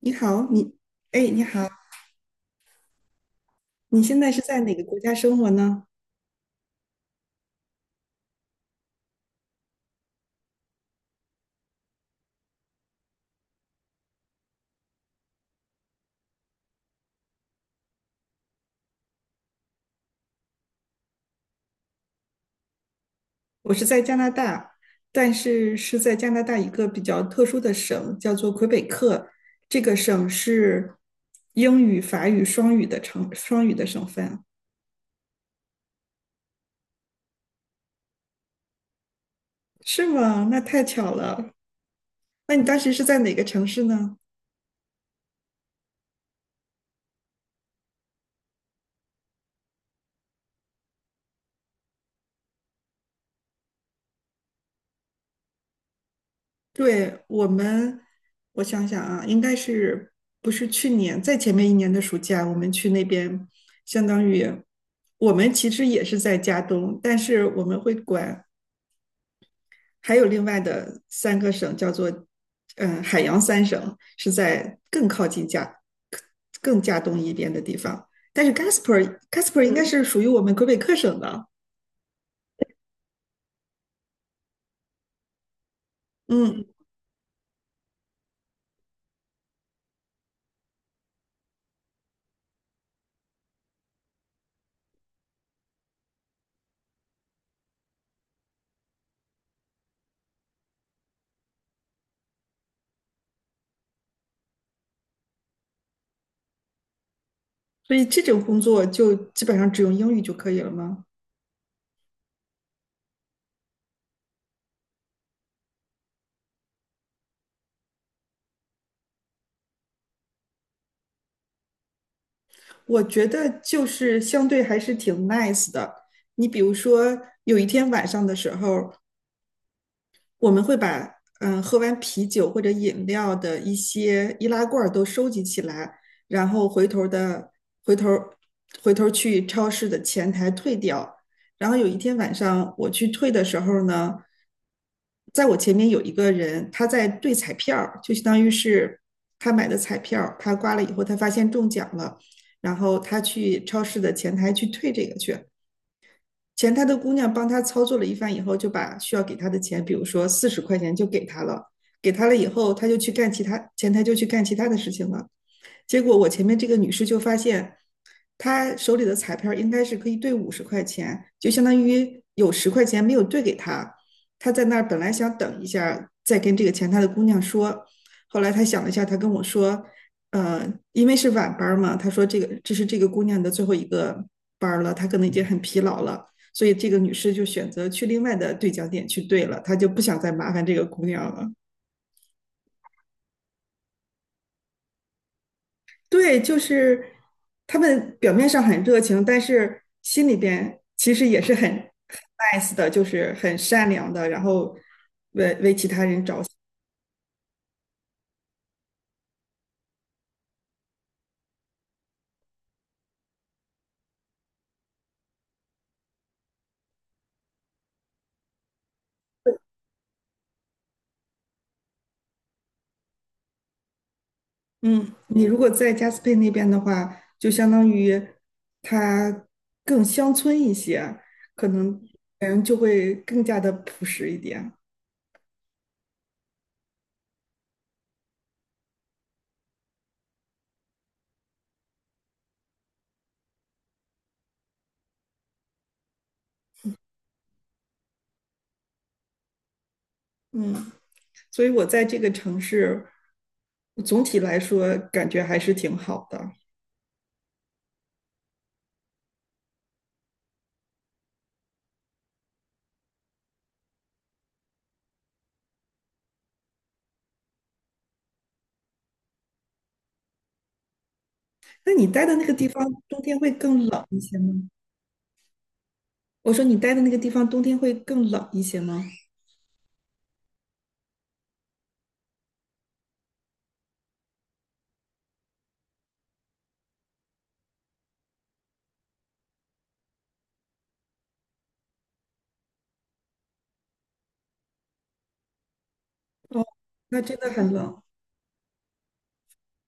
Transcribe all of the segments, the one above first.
你好，哎，你好。你现在是在哪个国家生活呢？我是在加拿大，但是是在加拿大一个比较特殊的省，叫做魁北克。这个省是英语、法语双语的双语的省份。是吗？那太巧了。那你当时是在哪个城市呢？对，我想想啊，应该是不是去年，在前面一年的暑假，我们去那边。相当于我们其实也是在加东，但是我们会管还有另外的三个省，叫做海洋三省，是在更靠近更加东一边的地方。但是 Casper 应该是属于我们魁北克省的。嗯，所以这种工作就基本上只用英语就可以了吗？我觉得就是相对还是挺 nice 的。你比如说，有一天晚上的时候，我们会把喝完啤酒或者饮料的一些易拉罐都收集起来，然后回头回头去超市的前台退掉。然后有一天晚上我去退的时候呢，在我前面有一个人，他在兑彩票，就相当于是他买的彩票他刮了以后他发现中奖了，然后他去超市的前台去退这个去。前台的姑娘帮他操作了一番以后，就把需要给他的钱，比如说40块钱就给他了。给他了以后，他就去干其他，前台就去干其他的事情了。结果我前面这个女士就发现，她手里的彩票应该是可以兑50块钱，就相当于有十块钱没有兑给她。她在那儿本来想等一下再跟这个前台的姑娘说，后来她想了一下，她跟我说，呃，因为是晚班嘛。她说这是这个姑娘的最后一个班了，她可能已经很疲劳了。所以这个女士就选择去另外的兑奖点去兑了，她就不想再麻烦这个姑娘了。对，就是他们表面上很热情，但是心里边其实也是很 nice 的，就是很善良的。然后，嗯，你如果在加斯佩那边的话，就相当于他更乡村一些，可能人就会更加的朴实一点。嗯，所以我在这个城市，总体来说感觉还是挺好的。那你待的那个地方，冬天会更冷一些吗？我说你待的那个地方冬天会更冷一些吗？哦，那真的很冷，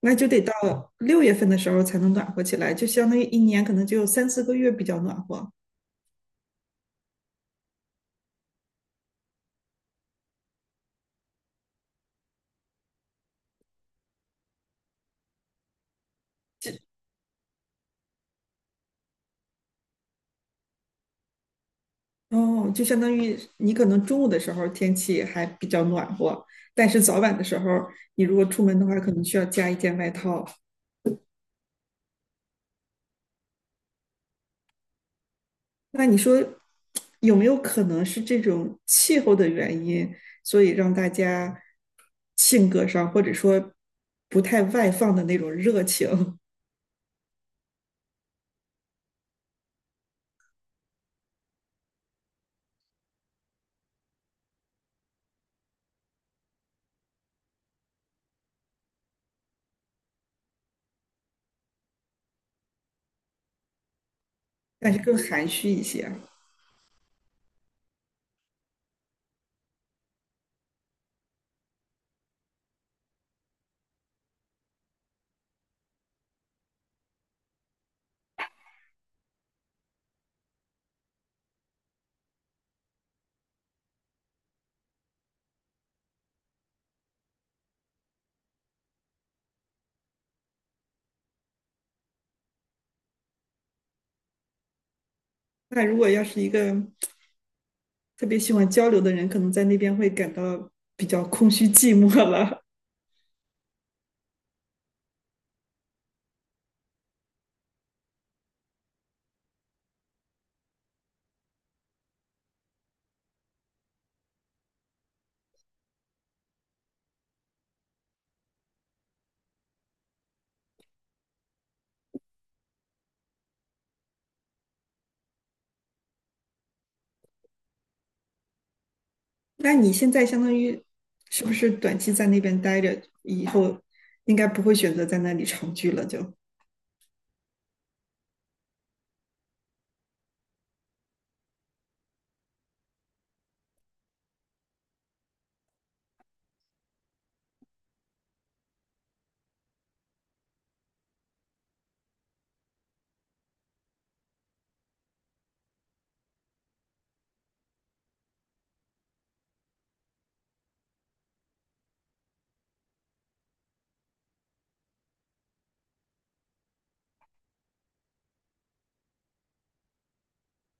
那就得到六月份的时候才能暖和起来，就相当于一年可能只有3、4个月比较暖和。哦，就相当于你可能中午的时候天气还比较暖和，但是早晚的时候你如果出门的话，可能需要加一件外套。那你说有没有可能是这种气候的原因，所以让大家性格上或者说不太外放的那种热情？但是更含蓄一些。那如果要是一个特别喜欢交流的人，可能在那边会感到比较空虚寂寞了。那你现在相当于是不是短期在那边待着，以后应该不会选择在那里长居了？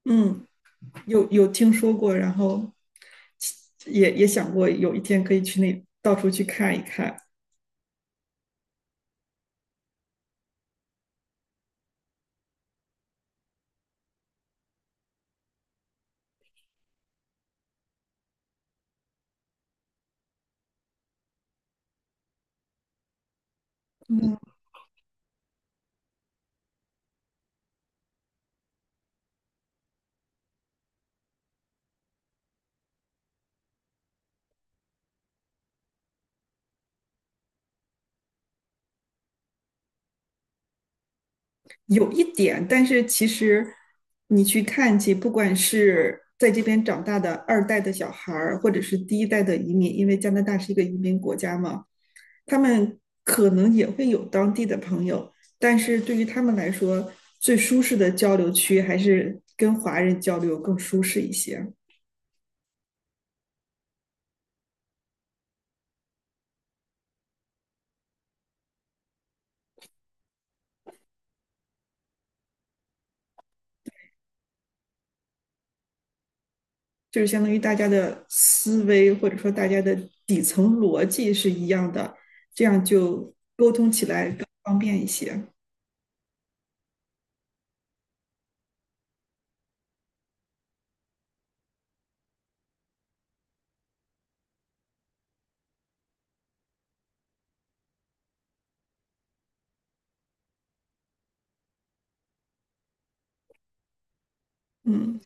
嗯，有听说过，然后也想过有一天可以去那到处去看一看。嗯。有一点，但是其实你去看去，不管是在这边长大的二代的小孩儿，或者是第一代的移民，因为加拿大是一个移民国家嘛，他们可能也会有当地的朋友，但是对于他们来说，最舒适的交流区还是跟华人交流更舒适一些，就是相当于大家的思维或者说大家的底层逻辑是一样的，这样就沟通起来更方便一些。嗯。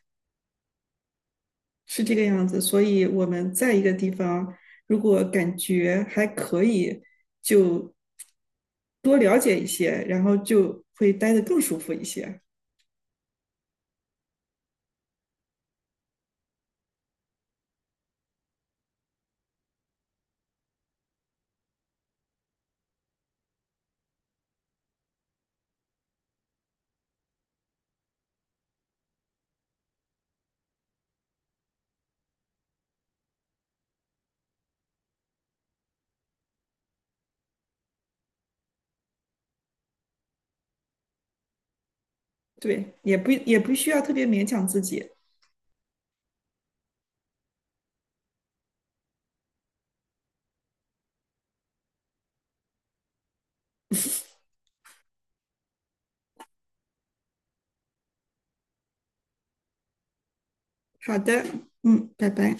是这个样子，所以我们在一个地方，如果感觉还可以，就多了解一些，然后就会待得更舒服一些。对，也不需要特别勉强自己。好的，嗯，拜拜。